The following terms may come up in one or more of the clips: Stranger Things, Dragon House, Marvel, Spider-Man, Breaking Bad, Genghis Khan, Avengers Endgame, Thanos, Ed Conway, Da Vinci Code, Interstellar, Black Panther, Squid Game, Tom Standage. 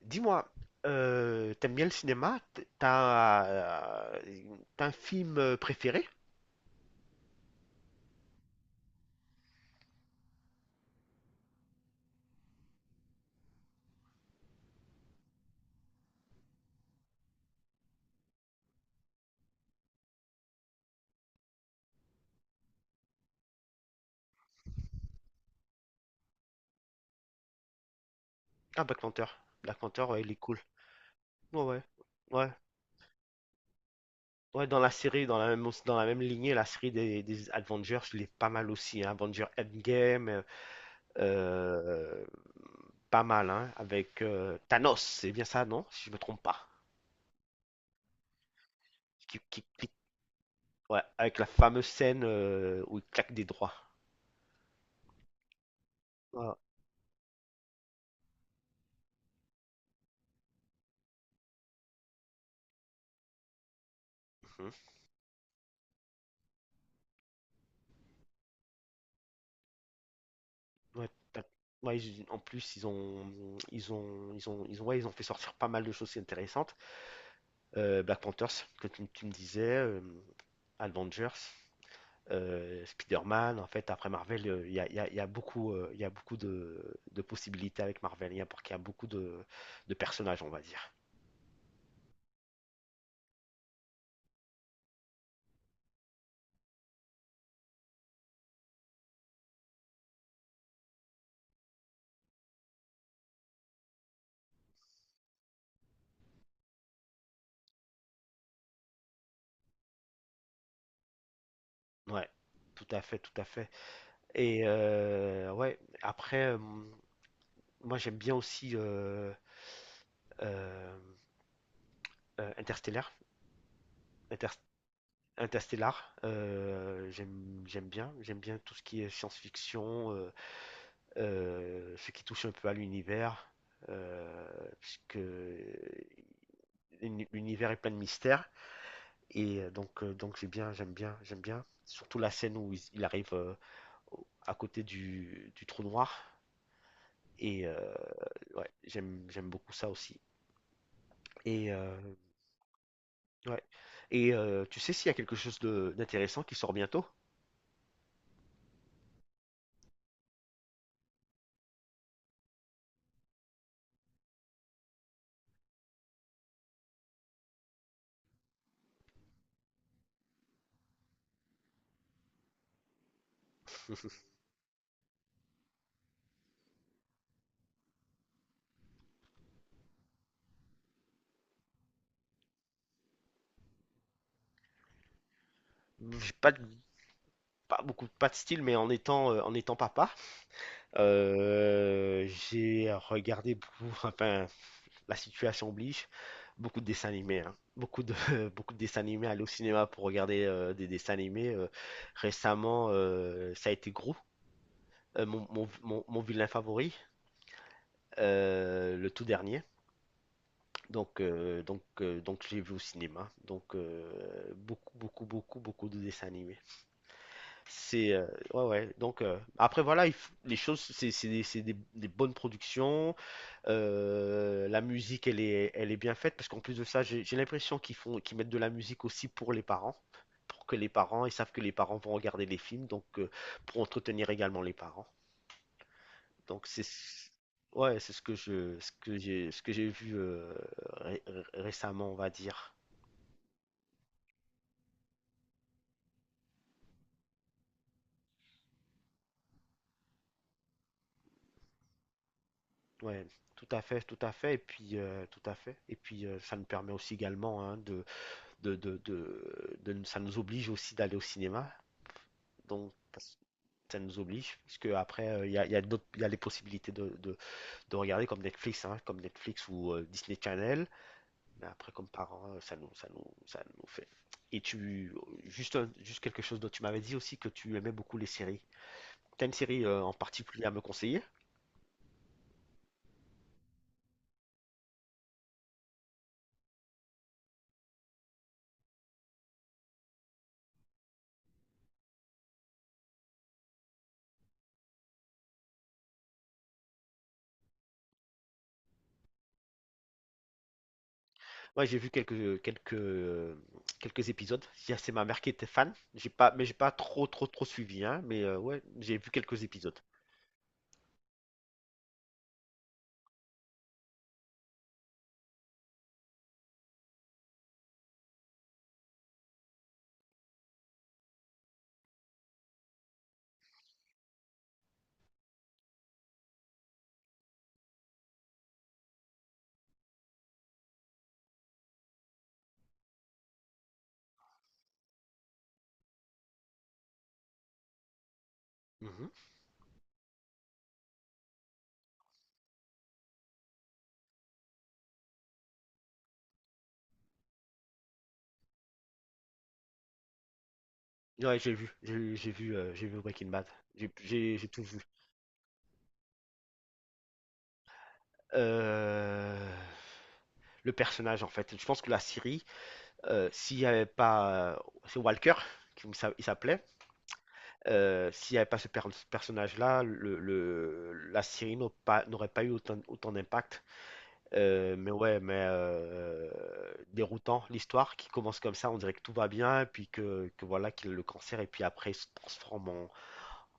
Dis-moi, t'aimes bien le cinéma? Euh, t'as un film préféré? Ah, Black Panther. Black Panther, ouais, il est cool. Ouais, ouais. Ouais, ouais, dans la série, dans la même lignée, la série des Avengers, je l'ai pas mal aussi, hein. Avengers Endgame, euh, pas mal, hein, avec Thanos, c'est bien ça, non? Si je me trompe pas. Qui, qui- qui- ouais, avec la fameuse scène où il claque des droits. Voilà. Ouais, ouais, en plus ils ont ouais, ils ont fait sortir pas mal de choses intéressantes. Black Panthers que tu me disais, Avengers, Spider-Man. En fait, après Marvel, il y a beaucoup de possibilités avec Marvel. Il y a pour qu'il y a beaucoup de personnages, on va dire. Ouais, tout à fait, tout à fait. Et ouais, après moi j'aime bien aussi euh, Interstellar. Interstellar, j'aime bien tout ce qui est science-fiction, ce qui touche un peu à l'univers, puisque l'univers est plein de mystères et donc j'ai bien, j'aime bien, j'aime bien, surtout la scène où il arrive à côté du trou noir et ouais, j'aime beaucoup ça aussi et ouais et tu sais s'il y a quelque chose de d'intéressant qui sort bientôt? J'ai pas pas beaucoup, pas de style, mais en étant papa, j'ai regardé beaucoup, enfin, la situation oblige, beaucoup de dessins animés, hein. Beaucoup de, beaucoup de dessins animés, aller au cinéma pour regarder des dessins animés. Récemment, ça a été Gros, mon vilain favori, le tout dernier. Donc, je l'ai vu au cinéma. Donc, beaucoup, beaucoup, beaucoup, beaucoup de dessins animés. C'est ouais ouais donc après voilà les choses c'est des bonnes productions. La musique elle est bien faite parce qu'en plus de ça j'ai l'impression qu'ils mettent de la musique aussi pour les parents, pour que les parents ils savent que les parents vont regarder les films, donc pour entretenir également les parents, donc c'est ouais, c'est ce que je ce que j'ai vu récemment, on va dire. Ouais, tout à fait, tout à fait, et puis tout à fait, et puis ça nous permet aussi également, hein, ça nous oblige aussi d'aller au cinéma. Donc, ça nous oblige, parce que après, il y a les possibilités de regarder comme Netflix, hein, comme Netflix ou Disney Channel. Mais après, comme parents, ça nous fait. Et juste, juste quelque chose dont tu m'avais dit aussi que tu aimais beaucoup les séries. T'as une série en particulier à me conseiller? Moi, j'ai vu quelques épisodes. Il C'est ma mère qui était fan. J'ai pas, mais j'ai pas trop, trop, trop suivi, hein. Mais ouais, j'ai vu quelques épisodes. Mhm. Ouais, j'ai vu Breaking Bad. J'ai tout vu. Euh, le personnage, en fait, je pense que la série, s'il n'y avait pas, c'est Walker, qui me il s'appelait, s'il n'y avait pas ce personnage-là, la série n'aurait pas eu autant d'impact. Mais ouais, mais déroutant, l'histoire qui commence comme ça, on dirait que tout va bien, puis que voilà qu'il a le cancer, et puis après il se transforme en,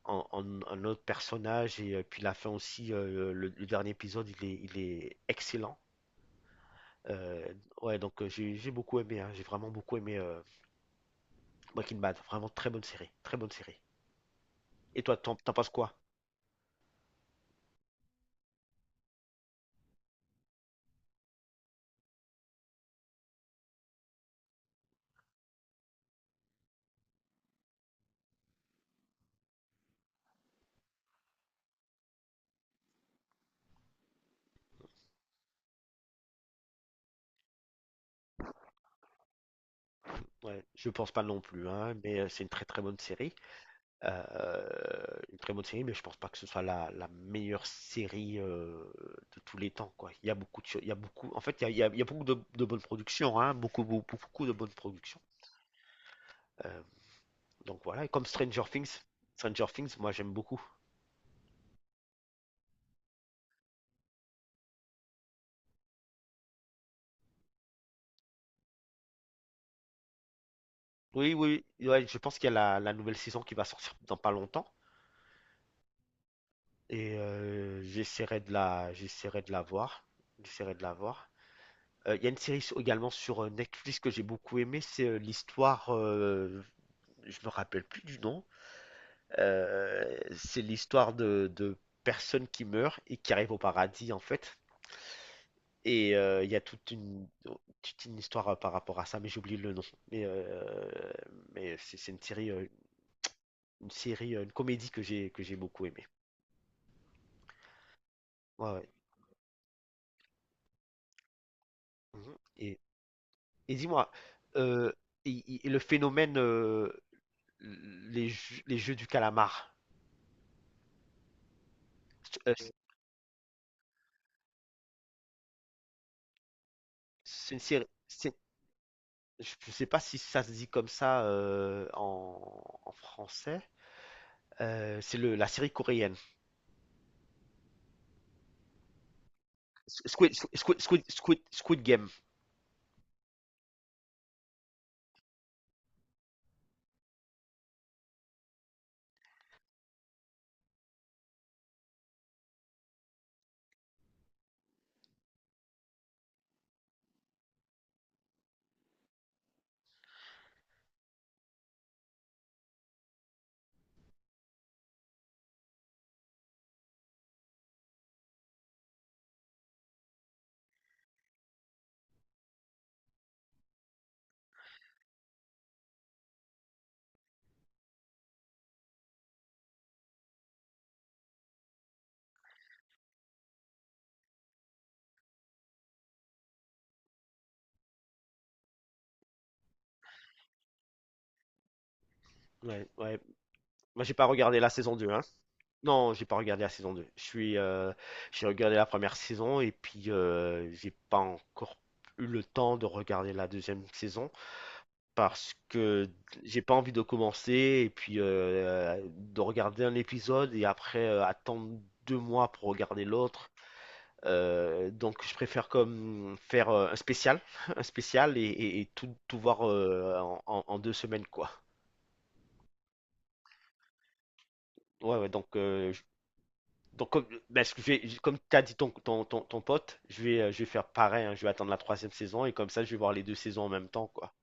en, en- en autre personnage. Et puis la fin aussi, le dernier épisode il est excellent. Euh, ouais donc j'ai beaucoup aimé, hein, j'ai vraiment beaucoup aimé, Breaking Bad, vraiment très bonne série, très bonne série. Et toi, t'en penses quoi? Ouais, je pense pas non plus, hein, mais c'est une très très bonne série. Euh, une très bonne série, mais je pense pas que ce soit la meilleure série de tous les temps, quoi. Il y a beaucoup, en fait il y a beaucoup de bonnes productions, hein, beaucoup, beaucoup beaucoup de bonnes productions. Euh, Donc voilà, et comme Stranger Things, Stranger Things, moi j'aime beaucoup. Oui, oui, ouais, je pense qu'il y a la nouvelle saison qui va sortir dans pas longtemps. Et j'essaierai de la voir. J'essaierai de la voir. Il y a une série également sur Netflix que j'ai beaucoup aimée, c'est l'histoire, je me rappelle plus du nom. C'est l'histoire de personnes qui meurent et qui arrivent au paradis, en fait. Et il y a toute une histoire par rapport à ça, mais j'oublie le nom. Mais, euh, mais c'est une série, une comédie que j'ai beaucoup aimée. Ouais, ouais. Mhm. Et dis-moi, euh, et le phénomène, les jeux du calamar, euh, c'est une série. Je ne sais pas si ça se dit comme ça en français. C'est le la série coréenne. Squid Game. Ouais, ouais. Moi, j'ai pas regardé la saison 2, hein. Non, j'ai pas regardé la saison 2. J'ai regardé la première saison, et puis j'ai pas encore eu le temps de regarder la deuxième saison parce que j'ai pas envie de commencer et puis de regarder un épisode et après attendre 2 mois pour regarder l'autre. Donc je préfère comme faire un spécial, un spécial, et et tout, tout voir en 2 semaines, quoi. Ouais, ouais, donc donc, comme, ben, ce que je vais- je- comme tu as dit ton pote, je vais faire pareil, hein, je vais attendre la troisième saison et comme ça, je vais voir les deux saisons en même temps, quoi.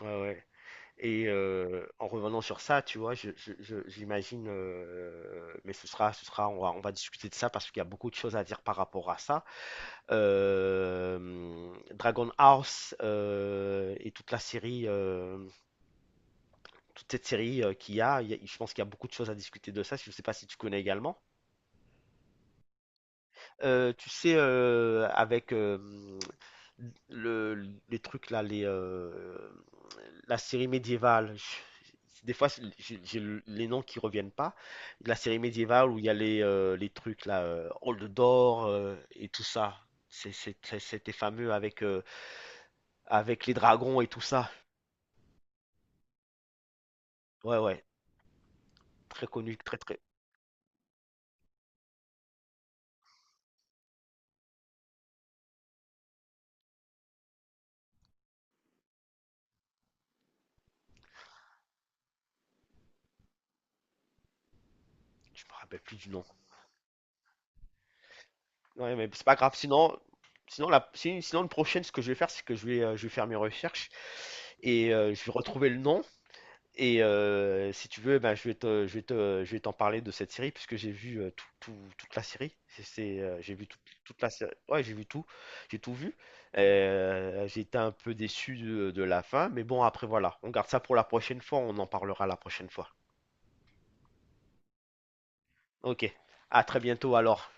Ouais, ouais. Et en revenant sur ça, tu vois, j'imagine, mais ce sera, on va discuter de ça parce qu'il y a beaucoup de choses à dire par rapport à ça. Dragon House et toute la série, toute cette série qu'il y a, il y a- je pense qu'il y a beaucoup de choses à discuter de ça. Je ne sais pas si tu connais également. Tu sais, avec le, les trucs là, la série médiévale, des fois j'ai les noms qui reviennent pas. La série médiévale où il y a les trucs là, Hold d'or, et tout ça. C'était fameux avec les dragons et tout ça. Ouais, ouais, très connu, très très. Je me rappelle plus du nom. Ouais, mais c'est pas grave. Sinon, sinon, la, si- Sinon, le prochain, ce que je vais faire, c'est que je vais faire mes recherches et je vais retrouver le nom. Et si tu veux, ben, je vais t'en parler de cette série puisque j'ai vu toute la série. J'ai vu toute la série. Ouais, j'ai vu tout. J'ai tout vu. J'ai été un peu déçu de la fin, mais bon, après voilà, on garde ça pour la prochaine fois. On en parlera la prochaine fois. Ok. À très bientôt alors.